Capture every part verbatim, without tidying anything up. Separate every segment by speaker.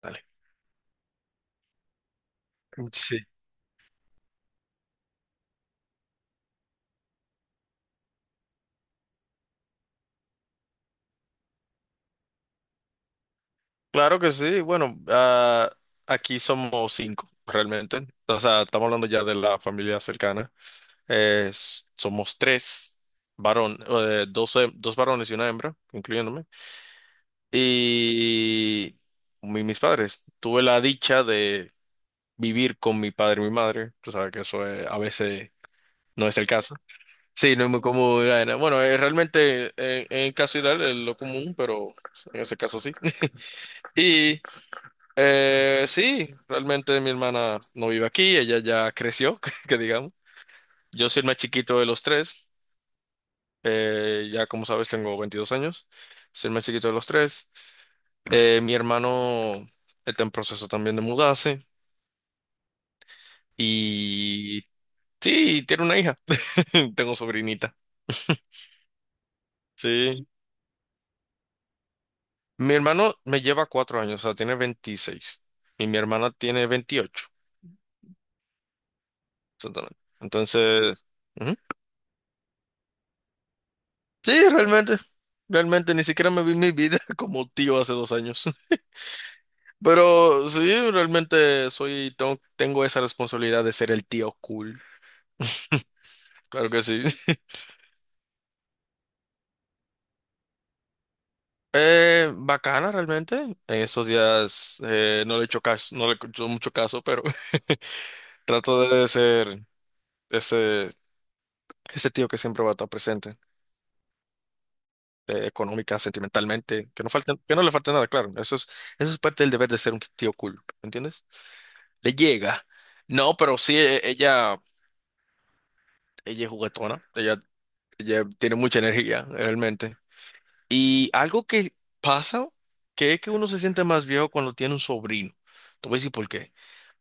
Speaker 1: Dale. Sí, claro que sí. Bueno, ah, aquí somos cinco realmente. O sea, estamos hablando ya de la familia cercana. Eh, s- somos tres varón, eh, dos, he- dos varones y una hembra, incluyéndome. Y mi- mis padres. Tuve la dicha de vivir con mi padre y mi madre. Tú sabes que eso es- a veces no es el caso. Sí, no es muy común. eh, Bueno, eh, realmente, eh, en, el caso ideal es lo común, pero en ese caso sí. Y Eh, sí, realmente mi hermana no vive aquí, ella ya creció, que digamos. Yo soy el más chiquito de los tres. Eh, ya como sabes, tengo veintidós años, soy el más chiquito de los tres. Eh, mi hermano está en proceso también de mudarse y sí, tiene una hija. Tengo sobrinita, sí. Mi hermano me lleva cuatro años, o sea, tiene veintiséis y mi hermana tiene veintiocho, exactamente. Entonces... ujú, sí, realmente. Realmente ni siquiera me vi mi vida como tío hace dos años. Pero sí, realmente, soy, tengo, tengo esa responsabilidad de ser el tío cool. Claro que sí. Eh, bacana realmente. En estos días, eh, no le he hecho caso, no le he hecho mucho caso, pero trato de ser ese, ese tío que siempre va a estar presente, eh, económica, sentimentalmente, que no falte, que no le falte nada, claro. Eso es, eso es parte del deber de ser un tío cool, ¿entiendes? Le llega. No, pero sí, e- ella. Ella es juguetona, ella, ella tiene mucha energía, realmente. Y algo que pasa, que es que uno se siente más viejo cuando tiene un sobrino. Te voy a decir por qué.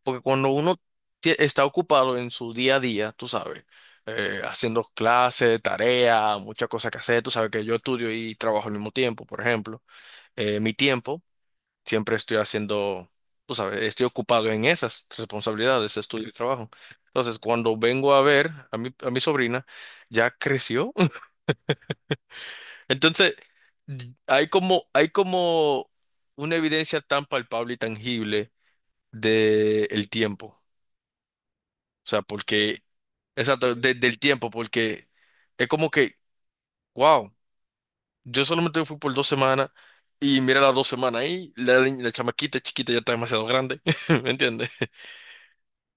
Speaker 1: Porque cuando uno tie- está ocupado en su día a día, tú sabes, eh, haciendo clases, tareas, muchas cosas que hacer. Tú sabes que yo estudio y trabajo al mismo tiempo, por ejemplo. Eh, mi tiempo, siempre estoy haciendo, tú sabes, estoy ocupado en esas responsabilidades, estudio y trabajo. Entonces, cuando vengo a ver a mi, a mi sobrina, ya creció. Entonces, d- hay como, hay como una evidencia tan palpable y tangible del tiempo. O sea, porque, exacto, de- del tiempo, porque es como que, wow, yo solamente fui por dos semanas. Y mira, las dos semanas ahí, la, la chamaquita chiquita ya está demasiado grande, ¿me entiendes?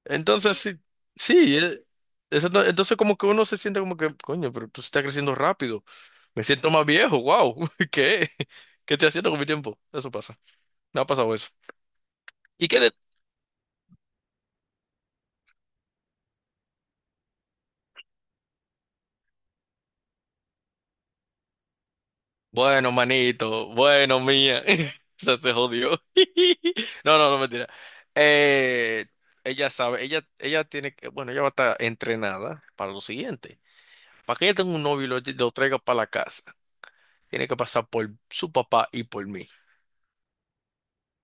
Speaker 1: Entonces, sí, sí, eh, eso no- entonces como que uno se siente como que, coño, pero tú estás creciendo rápido. Me siento más viejo, wow. ¿Qué? ¿Qué estoy haciendo con mi tiempo? Eso pasa. Me ha pasado eso. ¿Y qué de- Bueno, manito, bueno, mía. O sea, se jodió. No, no, no, mentira. Eh, Ella sabe, ella, ella tiene que, bueno, ella va a estar entrenada para lo siguiente. Para que ella tenga un novio y lo, lle- lo traiga para la casa, tiene que pasar por su papá y por mí.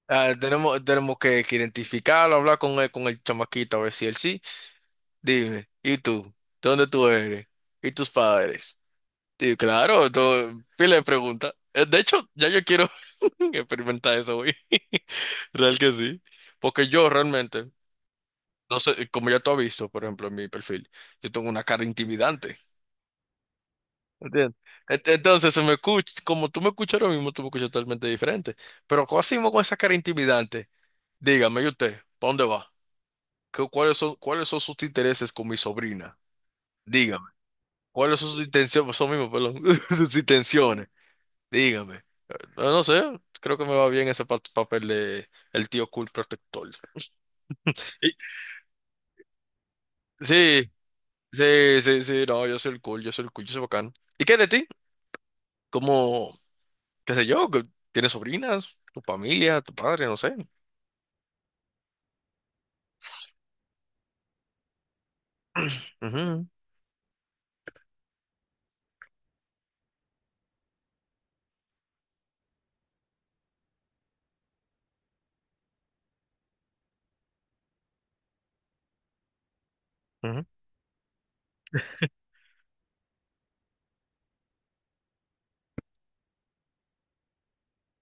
Speaker 1: Ah, tenemos, tenemos que, que identificarlo, hablar con él, con el chamaquito, a ver si él sí. Dime, ¿y tú? ¿De dónde tú eres? ¿Y tus padres? Y claro, todo, pila de preguntas. Eh, De hecho, ya yo quiero experimentar eso hoy. Real que sí. Porque yo realmente, no sé, como ya tú has visto, por ejemplo, en mi perfil, yo tengo una cara intimidante. ¿Entiendes? Ent- Entonces, se me escucha, como tú me escuchas ahora mismo, tú me escuchas totalmente diferente. Pero, ¿cómo hacemos con esa cara intimidante? Dígame, ¿y usted? ¿Para dónde va? ¿Cu- ¿Cuáles son, cuáles son sus intereses con mi sobrina? Dígame. ¿Cuáles son sus intenciones? Son mismos, perdón. Sus intenciones. Dígame. No, no sé. Creo que me va bien ese pa- papel de el tío cool protector. Y- sí, sí, sí, sí. No, yo soy el cool, yo soy el cool, yo soy bacán. ¿Y qué de ti? ¿Cómo, qué sé yo? Que ¿Tienes sobrinas? ¿Tu familia? ¿Tu padre? No sé. Ujú, ujú,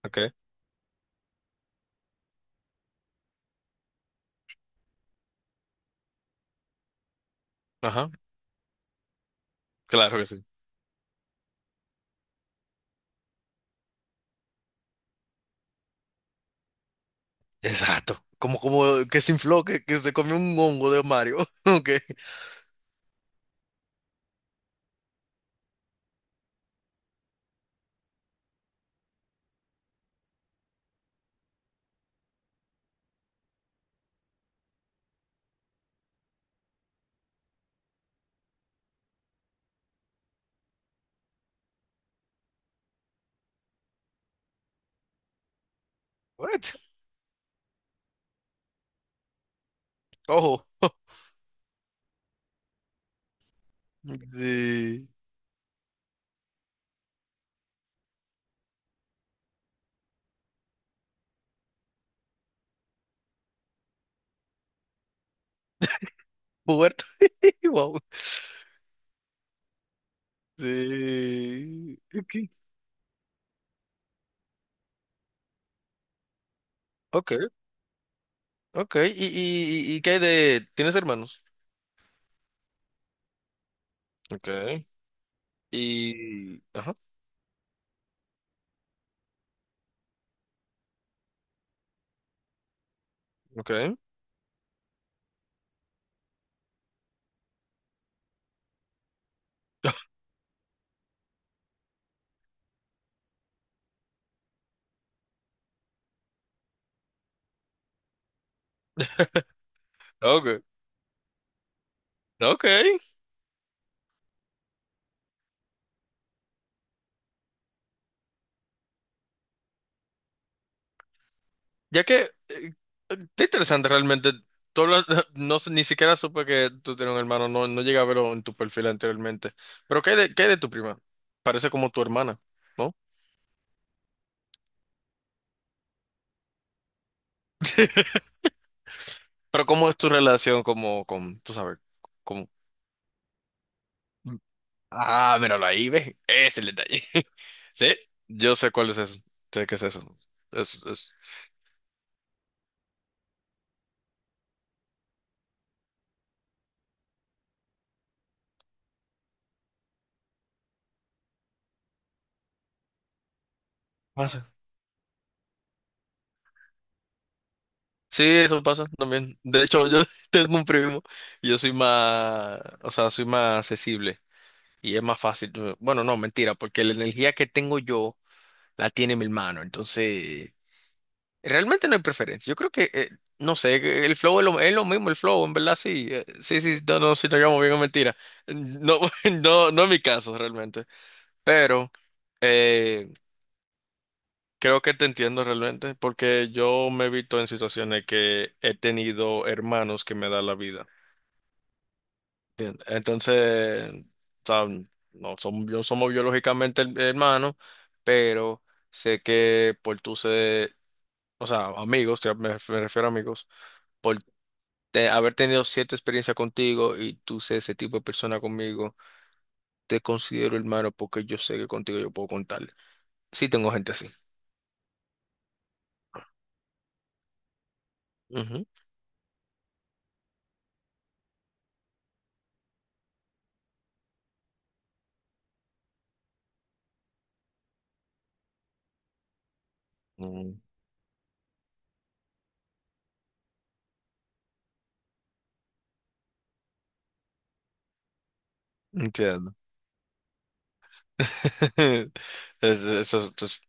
Speaker 1: ok. Ajá. Claro que sí. Exacto. Como, como que se infló, que, que se comió un hongo de Mario. Ok. What? Ojo. Sí. Puberto. Wow. Sí. Ok, ok, ok. ¿Y, y, y y qué hay de... ¿Tienes hermanos? Ok. Y... ajá. Ok. Ok. Ok. Ya que... eh, está interesante realmente. Tú hablas- no sé, ni siquiera supe que tú tienes un hermano. No, no llegué a verlo en tu perfil anteriormente. Pero ¿qué hay de, qué hay de, tu prima? Parece como tu hermana, ¿no? Pero ¿cómo es tu relación como con... Tú sabes, como... Ah, míralo ahí, ve. Es el detalle. Sí, yo sé cuál es eso. Sé qué es eso. Es, es... Pasa. Sí, eso pasa también. De hecho, yo tengo un primo y yo soy más, o sea, soy más accesible y es más fácil. Bueno, no, mentira, porque la energía que tengo yo la tiene mi hermano. Entonces, realmente no hay preferencia. Yo creo que, eh, no sé, que el flow es lo, es lo mismo, el flow, en verdad, sí. eh, Sí, sí, no, no, si no, yo me mentira. No, no, no es mi caso, realmente. Pero eh, creo que te entiendo realmente, porque yo me he visto en situaciones que he tenido hermanos que me dan la vida. ¿Entiendes? Entonces, o sea, no somos, bio- somos biológicamente her- hermanos, pero sé que por tú ser, o sea, amigos, te- me, ref- me refiero a amigos, por te- haber tenido cierta experiencia contigo y tú ser ese tipo de persona conmigo, te considero hermano porque yo sé que contigo yo puedo contar. Sí tengo gente así. Ujú. Entiendo. Es- eso, es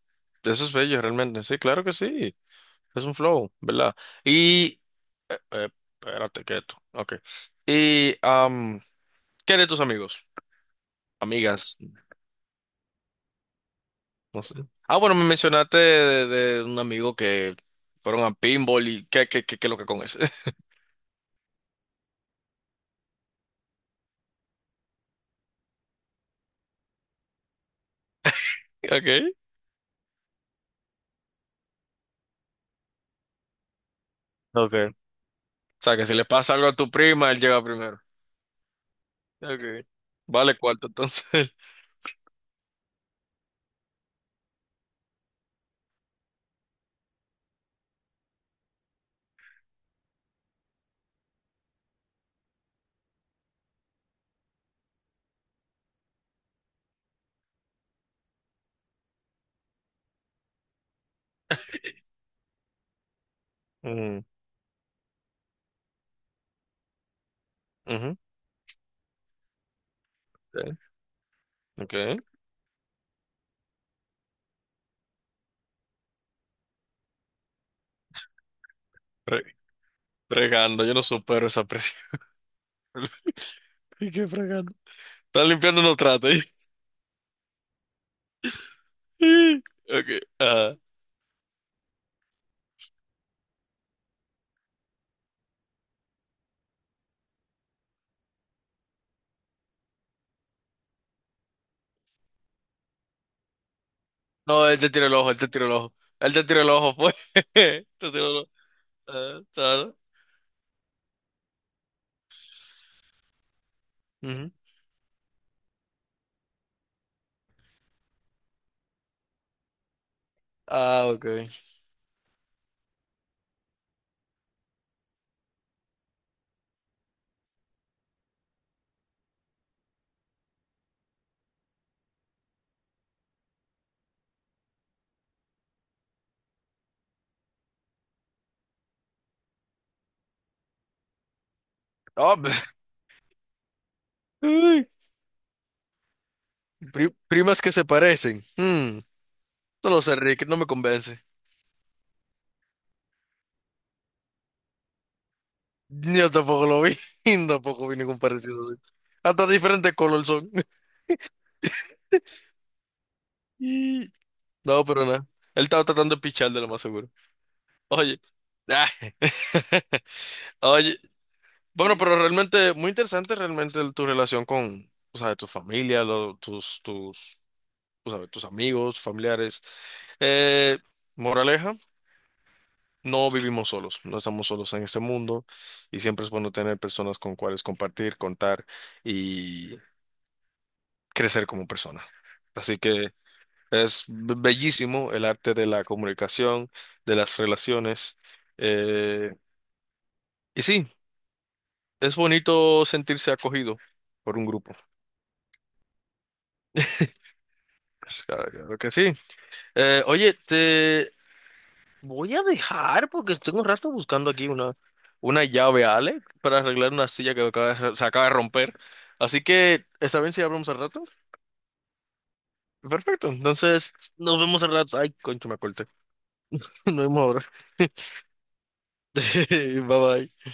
Speaker 1: eso es bello realmente. Sí, claro que sí. Es un flow, ¿verdad? Y... eh, eh, espérate, quieto. Ok. Y... am, ¿qué de tus amigos? Amigas. No sé. Ah, bueno, me mencionaste de, de, un amigo que fueron a pinball y qué, qué, qué, qué lo que con ese. Okay. Okay. O sea, que si le pasa algo a tu prima, él llega primero. Okay. Vale cuarto, entonces. Mm, ujú. Ok. Ok. Fregando, yo no supero esa presión. ¿Y qué fregando? Están limpiando unos tratos. Ahí. Ok, ah. No, él te tiró el ojo, él te tiró el ojo. Él te tiró el ojo, pues. Te tiró el ojo. Ah, claro. Ujú. Ah, ok. Ah, ay, pri- primas que se parecen. Hmm, no lo sé, Rick, no me convence. Yo tampoco lo vi. Tampoco vi ningún parecido, así. Hasta diferentes color son. Y... no, pero nada. Él estaba tratando de pichar de lo más seguro. Oye. Ah. Oye. Bueno, pero realmente, muy interesante realmente el- tu relación con, o sea, tu familia, lo- tus, tus, o sea, tus amigos, familiares. Eh, Moraleja, no vivimos solos, no estamos solos en este mundo y siempre es bueno tener personas con cuales compartir, contar y crecer como persona. Así que es be- bellísimo el arte de la comunicación, de las relaciones. eh, y sí, es bonito sentirse acogido por un grupo. Claro claro que sí. Eh, oye, te voy a dejar porque tengo un rato buscando aquí una, una llave, Ale, para arreglar una silla que acaba de- se acaba de romper. Así que, ¿está bien si hablamos al rato? Perfecto, entonces nos vemos al rato. Ay, concho, me corté. Nos vemos ahora. Bye bye.